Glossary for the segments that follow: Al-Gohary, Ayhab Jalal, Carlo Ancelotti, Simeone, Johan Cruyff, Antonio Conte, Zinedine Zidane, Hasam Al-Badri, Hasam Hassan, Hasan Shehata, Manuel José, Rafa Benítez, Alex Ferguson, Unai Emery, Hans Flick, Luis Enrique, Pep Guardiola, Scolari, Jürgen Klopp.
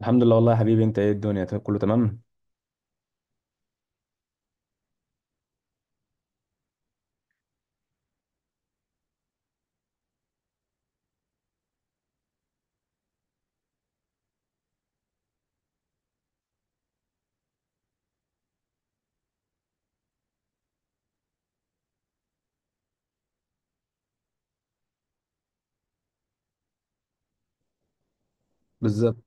الحمد لله، والله يا حبيبي. انت ايه الدنيا طيب، كله تمام. بالظبط.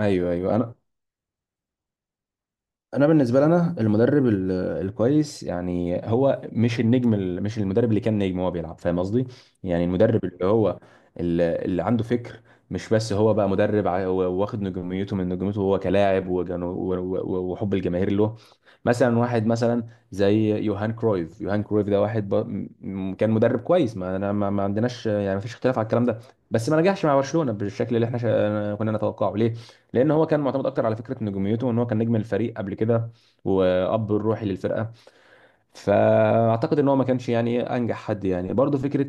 ايوه ايوه، انا بالنسبه لنا المدرب الكويس يعني هو مش النجم، مش المدرب اللي كان نجم وهو بيلعب. فاهم قصدي؟ يعني المدرب اللي هو اللي عنده فكر، مش بس هو بقى مدرب. هو واخد نجوميته من نجوميته هو كلاعب و و-حب الجماهير له. مثلا واحد مثلا زي يوهان كرويف. يوهان كرويف ده واحد كان مدرب كويس. ما أنا ما ما عندناش، يعني ما فيش اختلاف على الكلام ده. بس ما نجحش مع برشلونه بالشكل اللي احنا كنا نتوقعه، ليه؟ لان هو كان معتمد اكتر على فكره نجوميته، ان هو كان نجم الفريق قبل كده، واب الروحي للفرقه. فاعتقد ان هو ما كانش يعني إيه انجح حد، يعني برضه فكره.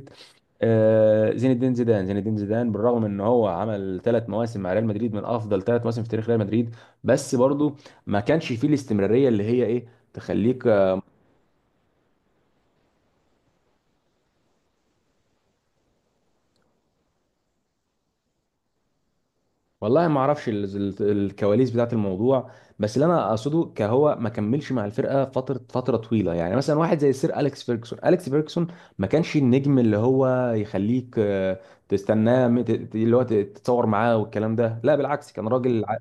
زين الدين زيدان. زين الدين زيدان بالرغم ان هو عمل ثلاث مواسم مع ريال مدريد من افضل ثلاث مواسم في تاريخ ريال مدريد، بس برضه ما كانش فيه الاستمراريه اللي هي ايه، تخليك. والله ما اعرفش الكواليس بتاعت الموضوع. بس اللي انا اقصده كهو ما كملش مع الفرقه فتره طويله. يعني مثلا واحد زي السير اليكس فيرجسون. اليكس فيرجسون ما كانش النجم اللي هو يخليك، تستناه، اللي هو تتصور معاه والكلام ده، لا بالعكس، كان راجل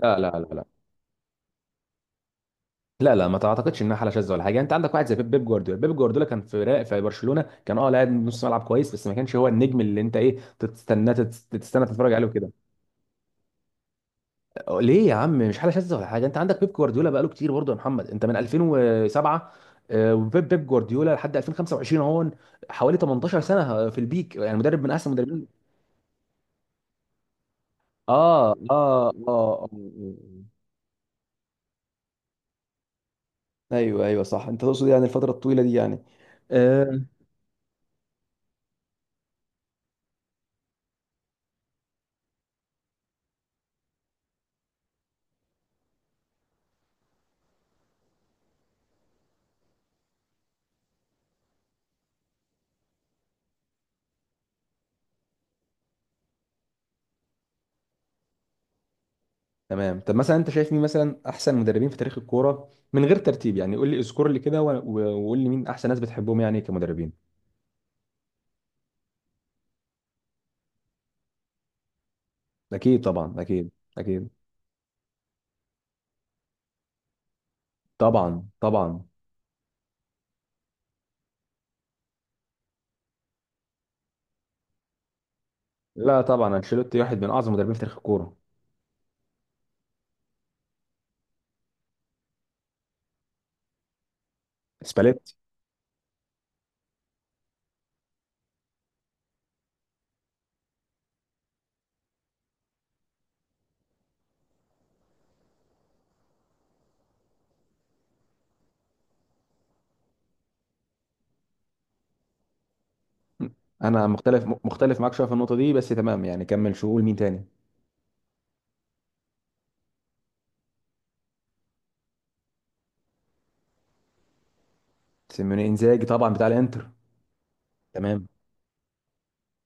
لا لا لا لا. لا لا، ما تعتقدش انها حاله شاذه ولا حاجه. انت عندك واحد زي بيب. بيب جوارديولا كان في برشلونه. كان اه لاعب نص ملعب كويس بس ما كانش هو النجم اللي انت ايه تستناه، تستنى تتفرج عليه وكده. أه، ليه يا عم؟ مش حاله شاذه ولا حاجه. انت عندك بيب جوارديولا بقاله كتير برضه يا محمد، انت من 2007، وبيب. جوارديولا لحد 2025 اهو، حوالي 18 سنه في البيك، يعني مدرب من احسن المدربين. اه اه اه. آه. آه. ايوه ايوه صح، انت تقصد يعني الفتره الطويله دي يعني. آه، تمام. طب مثلا انت شايف مين مثلا احسن مدربين في تاريخ الكوره من غير ترتيب؟ يعني قول لي، اذكر لي كده و و-قول لي مين احسن ناس بتحبهم يعني كمدربين. اكيد، طبعا اكيد. اكيد طبعا، طبعا. لا طبعا، انشيلوتي واحد من اعظم المدربين في تاريخ الكوره. سباليتي. انا مختلف معاك شويه في النقطه دي، بس تمام، يعني كمل. شو، قول مين تاني؟ سيميوني، انزاجي طبعا بتاع الانتر. تمام.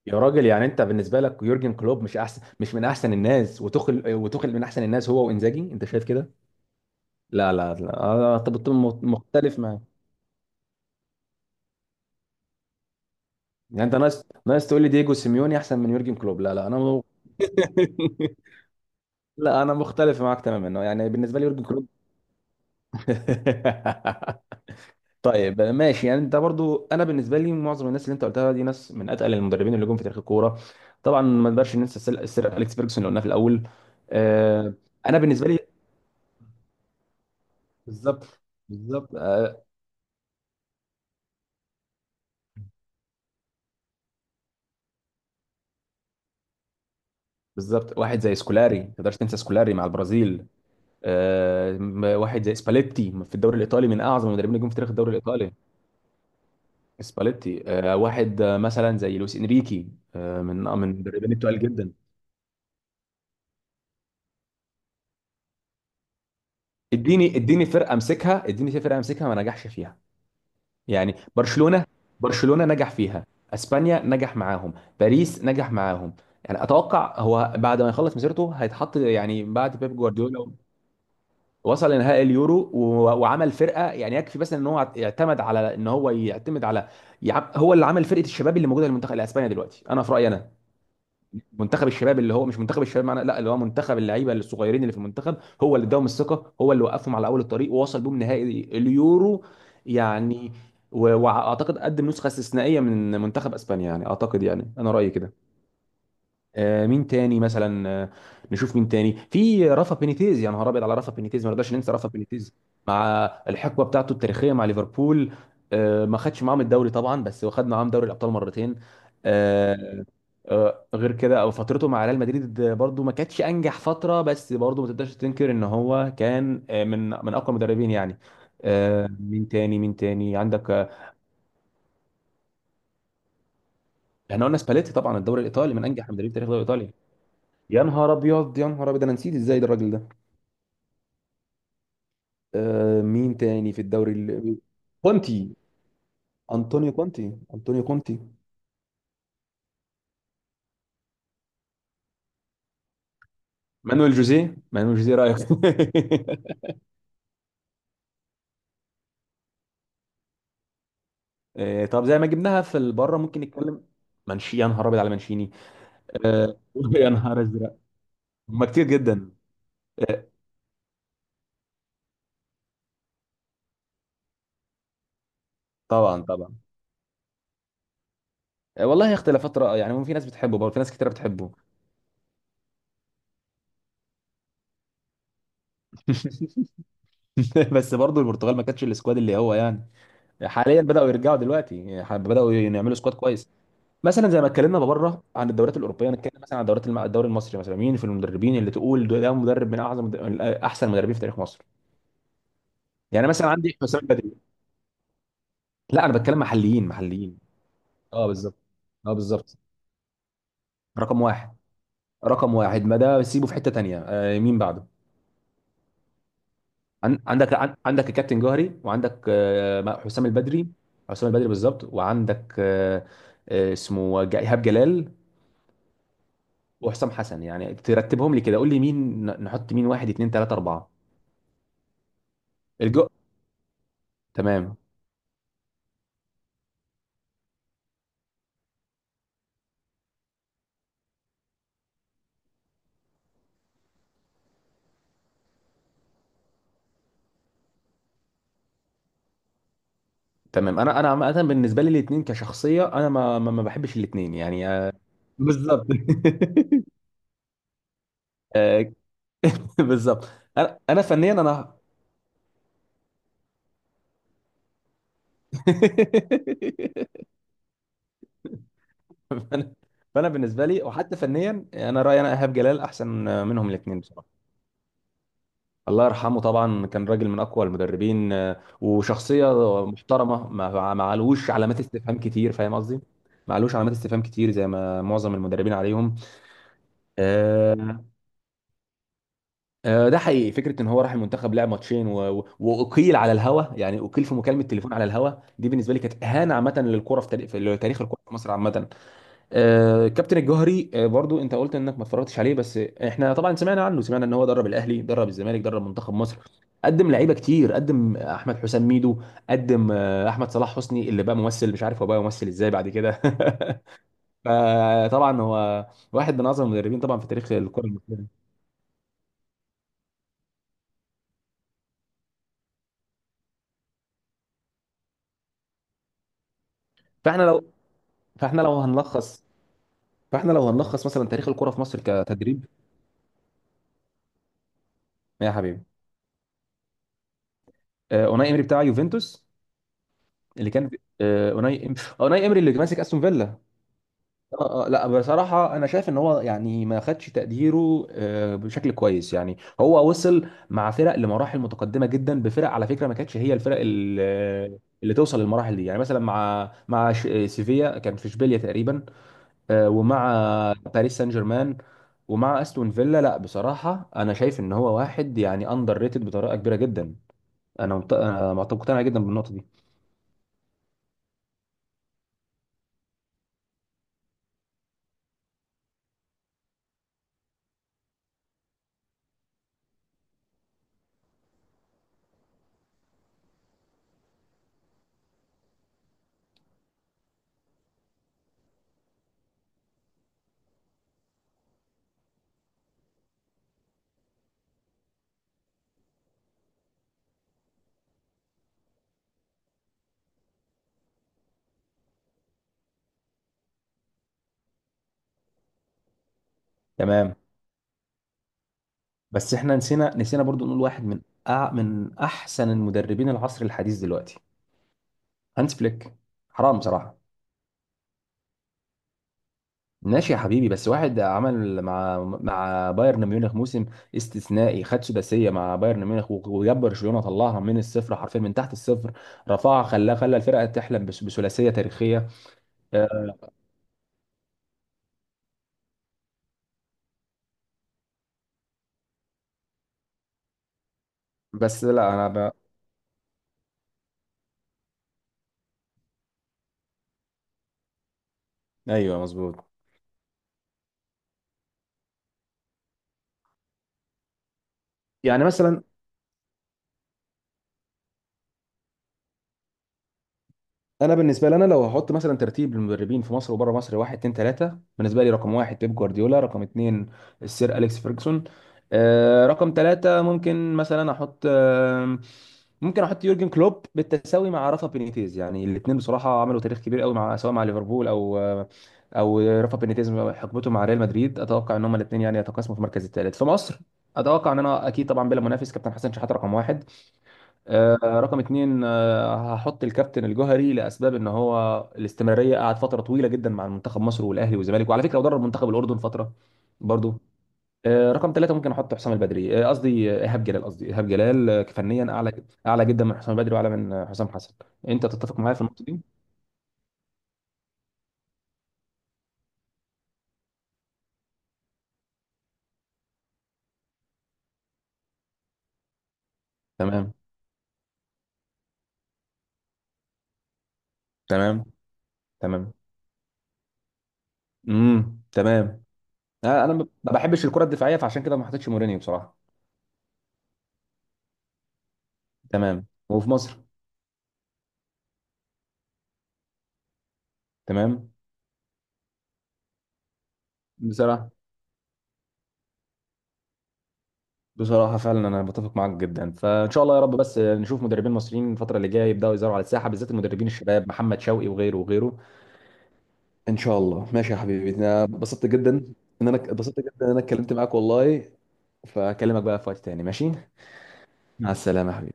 يا راجل، يعني انت بالنسبه لك يورجن كلوب مش احسن، مش من احسن الناس، وتخل من احسن الناس هو وانزاجي؟ انت شايف كده؟ لا لا لا، انا طب طب. مختلف معاك. يعني انت، ناس تقول لي دييجو سيميوني احسن من يورجن كلوب؟ لا لا انا. لا، انا مختلف معاك تماما، يعني بالنسبه لي يورجن كلوب. طيب ماشي. يعني انت برضو، انا بالنسبه لي معظم الناس اللي انت قلتها دي ناس من اتقل المدربين اللي جم في تاريخ الكوره. طبعا ما نقدرش ننسى سير اليكس فيرجسون اللي قلناه في الاول. آه. انا بالنسبه لي، بالظبط، بالظبط آه بالظبط. واحد زي سكولاري، ما تقدرش تنسى سكولاري مع البرازيل. واحد زي سباليتي في الدوري الايطالي، من اعظم المدربين اللي جم في تاريخ الدوري الايطالي. سباليتي واحد، مثلا زي لويس انريكي، من من المدربين التقال جدا. اديني، اديني فرقه امسكها، اديني فرقه امسكها ما نجحش فيها، يعني برشلونة. برشلونة نجح فيها، اسبانيا نجح معاهم، باريس نجح معاهم. يعني اتوقع هو بعد ما يخلص مسيرته هيتحط يعني بعد بيب جوارديولا. وصل لنهائي اليورو و و-عمل فرقه. يعني يكفي بس ان هو يعتمد على، ان هو يعتمد على، هو اللي عمل فرقه الشباب اللي موجوده في المنتخب الاسباني دلوقتي. انا في رايي انا، منتخب الشباب اللي هو مش منتخب الشباب معنا، لا اللي هو منتخب اللعيبه الصغيرين اللي في المنتخب. هو اللي اداهم الثقه، هو اللي وقفهم على اول الطريق ووصل بيهم نهائي اليورو. يعني و و-اعتقد قدم نسخه استثنائيه من منتخب اسبانيا، يعني اعتقد، يعني انا رايي كده. مين تاني مثلا؟ نشوف مين تاني. في رافا بينيتيز. يا نهار ابيض على رافا بينيتيز، ما نقدرش ننسى رافا بينيتيز مع الحقبه بتاعته التاريخيه مع ليفربول. ما خدش معاهم الدوري طبعا، بس واخد معاهم دوري الابطال مرتين. آه، غير كده، او فترته مع ريال مدريد برضو ما كانتش انجح فتره، بس برضو ما تقدرش تنكر ان هو كان من من اقوى المدربين يعني. مين تاني؟ مين تاني عندك؟ احنا قلنا سباليتي طبعا، الدوري الايطالي، من انجح المدربين في تاريخ الدوري الايطالي. يا نهار ابيض، يا نهار ابيض، انا نسيت ازاي ده الراجل ده. مين تاني في الدوري كونتي، انطونيو كونتي. مانويل جوزيه. مانويل جوزيه، رايك؟ طب زي ما جبناها في بره، ممكن نتكلم. منشي. يا نهار ابيض على منشيني. آه يا نهار ازرق، هم كتير جدا. آه طبعا طبعا. والله اختلافات رأي يعني، في ناس بتحبه برضه، في ناس كتير بتحبه. بس برضه البرتغال ما كانتش السكواد اللي هو يعني، حاليا بدأوا يرجعوا دلوقتي، يعني بدأوا يعملوا سكواد كويس. مثلا زي ما اتكلمنا بره عن الدوريات الاوروبيه، نتكلم مثلا عن الدوريات الدوري المصري. مثلا مين في المدربين اللي تقول ده ده مدرب من اعظم، من احسن المدربين في تاريخ مصر؟ يعني مثلا عندي حسام البدري. لا انا بتكلم محليين. اه، بالظبط. اه بالظبط. رقم واحد. رقم واحد، ما ده سيبه في حته تانيه. مين بعده؟ عندك الكابتن جوهري، وعندك حسام البدري. حسام البدري بالظبط. وعندك اسمه ايهاب جلال. وحسام حسن. يعني ترتبهم لي كده، قول لي مين نحط مين واحد اتنين تلاته اربعه. تمام. تمام. انا انا عامه بالنسبه لي الاثنين كشخصيه، انا ما بحبش الاثنين، يعني بالظبط. آه، بالظبط. انا انا فنيا انا. فانا، فأنا بالنسبه لي وحتى فنيا، انا رايي انا ايهاب جلال احسن منهم الاثنين بصراحه. الله يرحمه، طبعا كان راجل من اقوى المدربين، وشخصيه محترمه، ما علوش علامات استفهام كتير، فاهم قصدي. ما علوش علامات استفهام كتير زي ما معظم المدربين عليهم. آه، ده حقيقي، فكره ان هو راح المنتخب لعب ماتشين و و...اقيل على الهوا، يعني اقيل في مكالمه تليفون على الهوا. دي بالنسبه لي كانت اهانه عامه للكره في تاريخ، في لتاريخ الكره في مصر عامه. كابتن الجوهري برضو انت قلت انك ما اتفرجتش عليه، بس احنا طبعا سمعنا عنه، سمعنا ان هو درب الاهلي، درب الزمالك، درب منتخب مصر. قدم لعيبه كتير، قدم احمد حسام ميدو، قدم احمد صلاح حسني اللي بقى ممثل، مش عارف هو بقى ممثل ازاي بعد كده. فطبعا هو واحد من اعظم المدربين طبعا في تاريخ الكره المصريه. فاحنا لو فاحنا لو هنلخص فاحنا لو هنلخص مثلا تاريخ الكرة في مصر كتدريب. يا حبيبي، اوناي امري بتاع يوفنتوس. اللي كان آه، اوناي إم... اوناي امري اللي ماسك استون فيلا. لا بصراحة أنا شايف إن هو يعني ما خدش تقديره بشكل كويس. يعني هو وصل مع فرق لمراحل متقدمة جدا بفرق، على فكرة ما كانتش هي الفرق اللي توصل للمراحل دي. يعني مثلا مع مع سيفيا، كان في إشبيليا تقريبا. ومع باريس سان جيرمان، ومع استون فيلا. لا بصراحه انا شايف ان هو واحد يعني اندر ريتد بطريقه كبيره جدا. انا أنا مقتنع جدا بالنقطه دي. تمام. بس احنا نسينا برضو نقول واحد من من احسن المدربين العصر الحديث دلوقتي. هانس فليك. حرام بصراحه. ماشي يا حبيبي، بس واحد عمل مع بايرن ميونخ موسم استثنائي، خد سداسيه مع بايرن ميونخ و و-جاب برشلونه، طلعها من الصفر حرفيا، من تحت الصفر رفعها، خلاها، خلى الفرقه تحلم بثلاثيه تاريخيه. آه، بس لا انا ايوه مظبوط. يعني مثلا، انا بالنسبه لي، انا لو هحط مثلا ترتيب المدربين في مصر وبره مصر واحد اتنين تلاته: بالنسبه لي رقم واحد بيب جوارديولا، رقم اتنين السير اليكس فيرجسون. رقم تلاته ممكن مثلا احط ممكن احط يورجن كلوب بالتساوي مع رافا بينيتيز. يعني الاثنين بصراحه عملوا تاريخ كبير قوي، مع سواء مع ليفربول او او رافا بينيتيز حقبته مع ريال مدريد. اتوقع ان هم الاثنين يعني يتقاسموا في المركز الثالث. في مصر اتوقع، ان انا اكيد طبعا بلا منافس، كابتن حسن شحاته رقم واحد. رقم اتنين هحط الكابتن الجوهري لاسباب ان هو الاستمراريه، قعد فتره طويله جدا مع منتخب مصر والاهلي والزمالك، وعلى فكره ودرب منتخب الاردن فتره برضو. رقم ثلاثة ممكن احط حسام البدري، قصدي ايهاب جلال. قصدي ايهاب جلال فنيا اعلى، اعلى جدا من حسام البدري، واعلى من حسام حسن. انت تتفق معايا في النقطه دي؟ تمام. تمام. تمام. تمام. انا ما بحبش الكره الدفاعيه فعشان كده ما حطيتش مورينيو بصراحه. تمام. وفي مصر، تمام. بصراحه، بصراحة فعلا أنا بتفق معاك جدا. فإن شاء الله يا رب، بس نشوف مدربين مصريين الفترة اللي جاية يبدأوا يظهروا على الساحة، بالذات المدربين الشباب، محمد شوقي وغيره وغيره. إن شاء الله ماشي يا حبيبي. أنا اتبسطت جدا، إن أنا اتكلمت معاك والله. فأكلمك بقى في وقت تاني. ماشي، مع السلامة يا حبيبي.